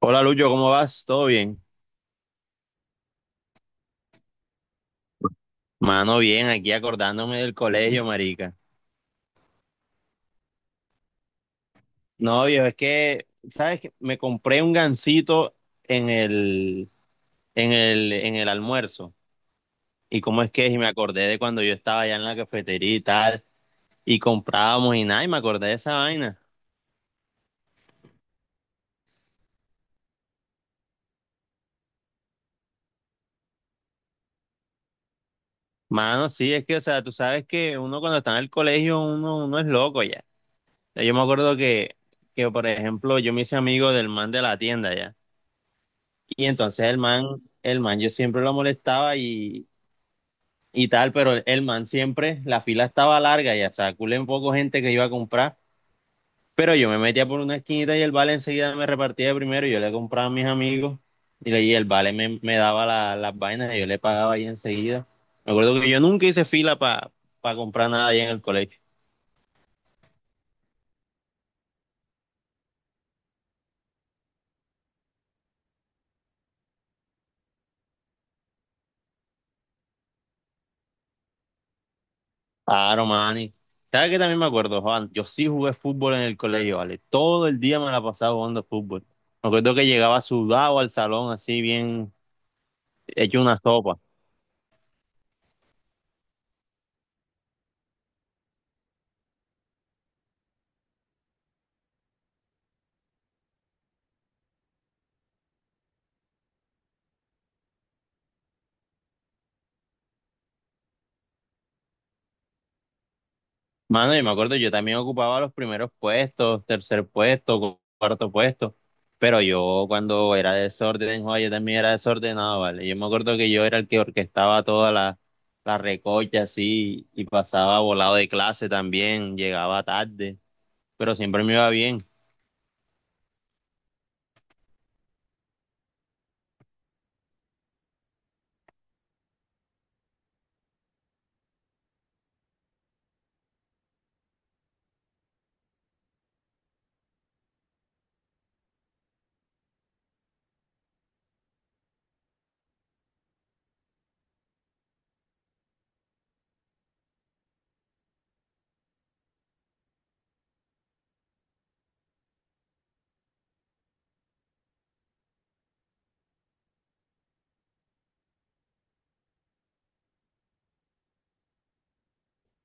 Hola Lucho, ¿cómo vas? ¿Todo bien? Mano, bien, aquí acordándome del colegio, marica. No, viejo, es que, ¿sabes qué? Me compré un gansito en el, en el almuerzo. ¿Y cómo es que es? Y me acordé de cuando yo estaba allá en la cafetería y tal, y comprábamos y nada, y me acordé de esa vaina. Mano, sí, es que, o sea, tú sabes que uno cuando está en el colegio, uno es loco ya. O sea, yo me acuerdo que, por ejemplo, yo me hice amigo del man de la tienda ya. Y entonces el man, yo siempre lo molestaba y tal, pero el man siempre, la fila estaba larga y hasta culé un poco gente que iba a comprar. Pero yo me metía por una esquinita y el vale enseguida me repartía de primero. Y yo le compraba a mis amigos y, y el vale me daba las vainas y yo le pagaba ahí enseguida. Me acuerdo que yo nunca hice fila para comprar nada ahí en el colegio. Claro, mani. ¿Sabes qué también me acuerdo, Juan? Yo sí jugué fútbol en el colegio, ¿vale? Todo el día me la pasaba jugando fútbol. Me acuerdo que llegaba sudado al salón, así bien hecho una sopa. Mano, y me acuerdo, yo también ocupaba los primeros puestos, tercer puesto, cuarto puesto. Pero yo cuando era desorden, Juan, yo también era desordenado, ¿vale? Yo me acuerdo que yo era el que orquestaba toda la, la recocha, así, y pasaba volado de clase también, llegaba tarde, pero siempre me iba bien.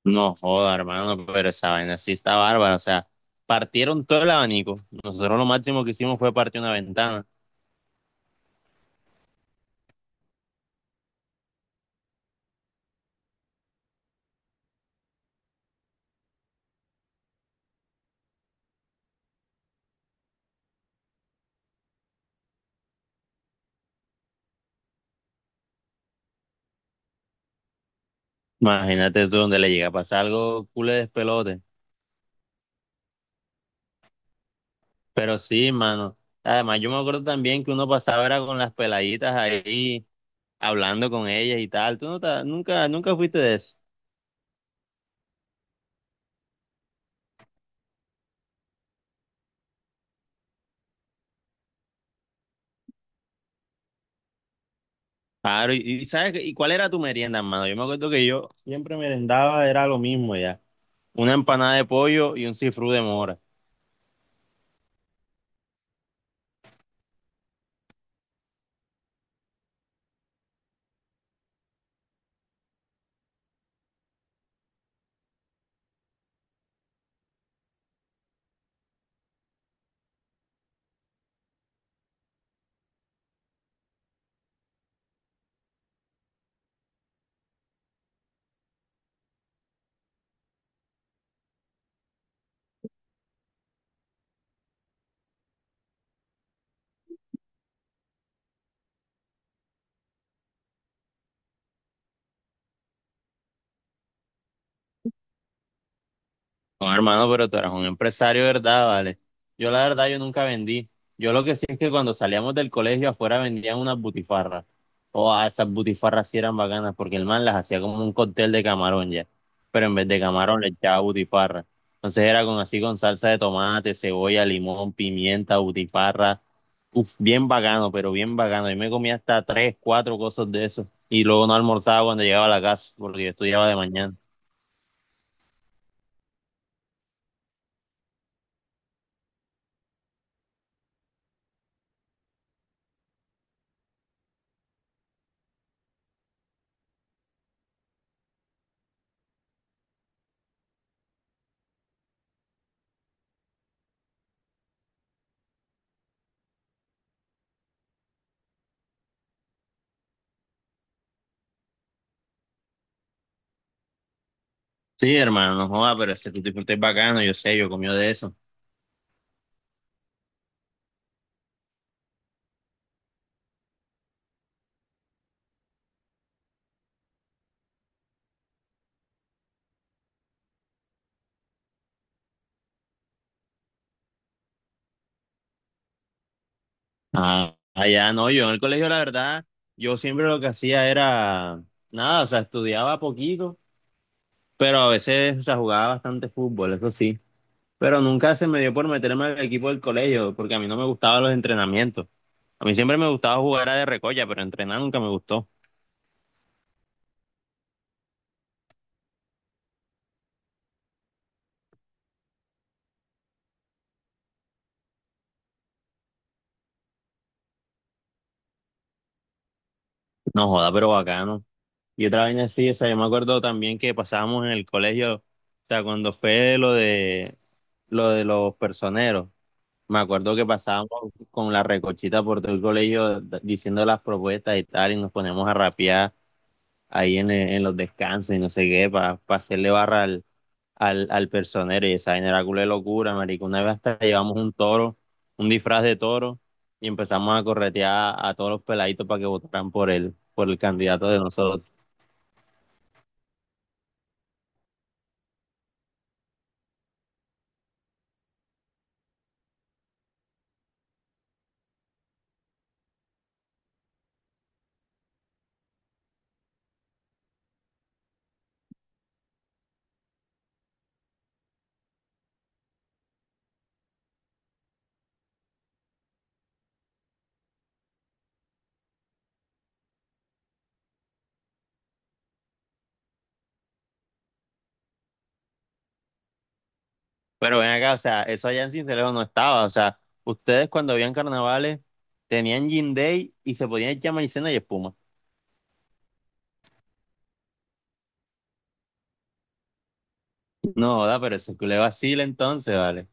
No joda, hermano, pero esa vaina sí está bárbara. O sea, partieron todo el abanico. Nosotros lo máximo que hicimos fue partir una ventana. Imagínate tú donde le llega a pasar algo culé de despelote. Pero sí, mano. Además, yo me acuerdo también que uno pasaba era con las peladitas ahí, hablando con ellas y tal. Tú no te- nunca, nunca fuiste de eso. Claro, y, ¿y sabes qué? ¿Y cuál era tu merienda, hermano? Yo me acuerdo que yo siempre merendaba, era lo mismo ya. Una empanada de pollo y un cifrú de mora. No, hermano, pero tú eras un empresario, ¿verdad? Vale. Yo la verdad, yo nunca vendí. Yo lo que sí es que cuando salíamos del colegio afuera vendían unas butifarras. O ah, esas butifarras sí eran bacanas porque el man las hacía como un cóctel de camarón ya. Pero en vez de camarón le echaba butifarra. Entonces era con así con salsa de tomate, cebolla, limón, pimienta, butifarra. Uf, bien bacano, pero bien bacano. Yo me comía hasta tres, cuatro cosas de eso. Y luego no almorzaba cuando llegaba a la casa porque yo estudiaba de mañana. Sí, hermano, no joda, pero ese tutti frutti es bacano, yo sé, yo comí de eso. Ah, allá no, yo en el colegio, la verdad, yo siempre lo que hacía era nada, o sea, estudiaba poquito, pero a veces, o sea, jugaba bastante fútbol, eso sí. Pero nunca se me dio por meterme al equipo del colegio, porque a mí no me gustaban los entrenamientos. A mí siempre me gustaba jugar a de recolla, pero entrenar nunca me gustó. No joda, pero bacano. Y otra vaina así, o sea, yo me acuerdo también que pasábamos en el colegio, o sea, cuando fue lo de los personeros. Me acuerdo que pasábamos con la recochita por todo el colegio diciendo las propuestas y tal, y nos poníamos a rapear ahí en los descansos y no sé qué, para hacerle barra al personero. Y esa vaina era culo de locura, marico. Una vez hasta llevamos un toro, un disfraz de toro, y empezamos a corretear a todos los peladitos para que votaran por él, por el candidato de nosotros. Pero ven acá, o sea, eso allá en Cincelejo no estaba. O sea, ustedes cuando habían carnavales tenían Gin Day y se podían echar maicena y espuma. No, joda, pero eso le vacila entonces, vale. O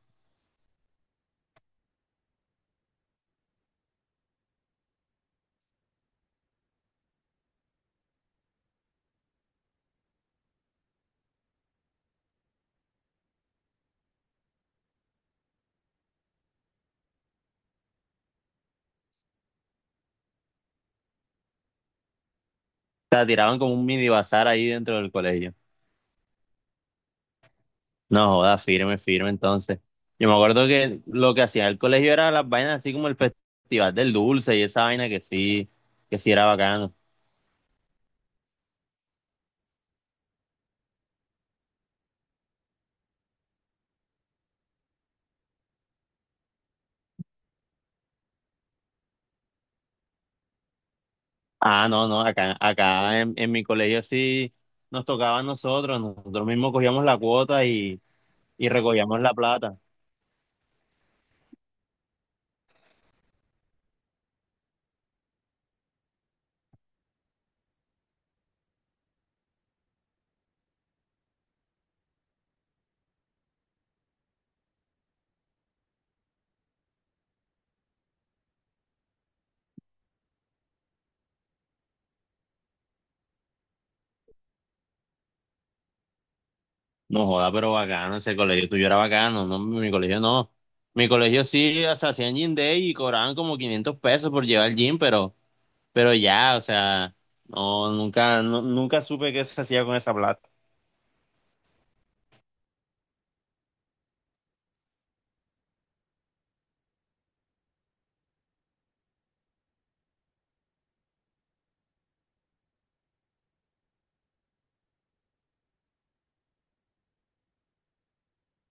sea, tiraban como un mini bazar ahí dentro del colegio. No, joda, firme, firme entonces. Yo me acuerdo que lo que hacía el colegio era las vainas así como el Festival del Dulce y esa vaina que sí era bacano. Ah, no, no, acá, en mi colegio sí nos tocaba a nosotros, nosotros mismos cogíamos la cuota y recogíamos la plata. No joda, pero bacano, ese colegio tuyo era bacano, no, mi colegio no. Mi colegio sí, o sea, hacían gym day y cobraban como 500 pesos por llevar gym, pero ya, o sea, no, nunca, nunca supe qué se hacía con esa plata.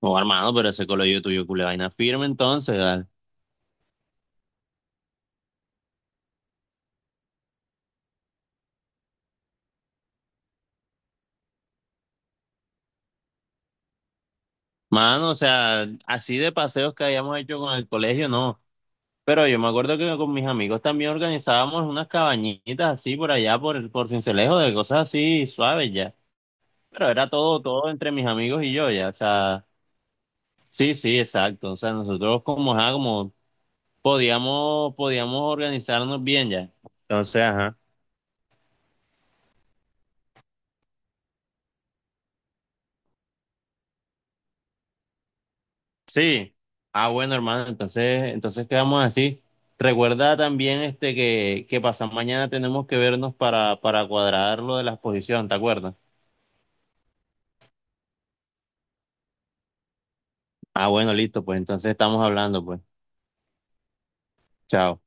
No, hermano, pero ese colegio tuyo, culé vaina firme entonces, ¿vale? Mano, o sea, así de paseos que habíamos hecho con el colegio, no. Pero yo me acuerdo que con mis amigos también organizábamos unas cabañitas así por allá, por Sincelejo, de cosas así suaves ya. Pero era todo, todo entre mis amigos y yo, ya, o sea, sí, sí, exacto, o sea, nosotros como, ajá, como podíamos organizarnos bien ya, entonces, ajá, sí, ah, bueno, hermano, entonces quedamos así, recuerda también, este, que pasado mañana tenemos que vernos para cuadrar lo de la exposición, ¿te acuerdas? Ah, bueno, listo, pues, entonces estamos hablando, pues, chao.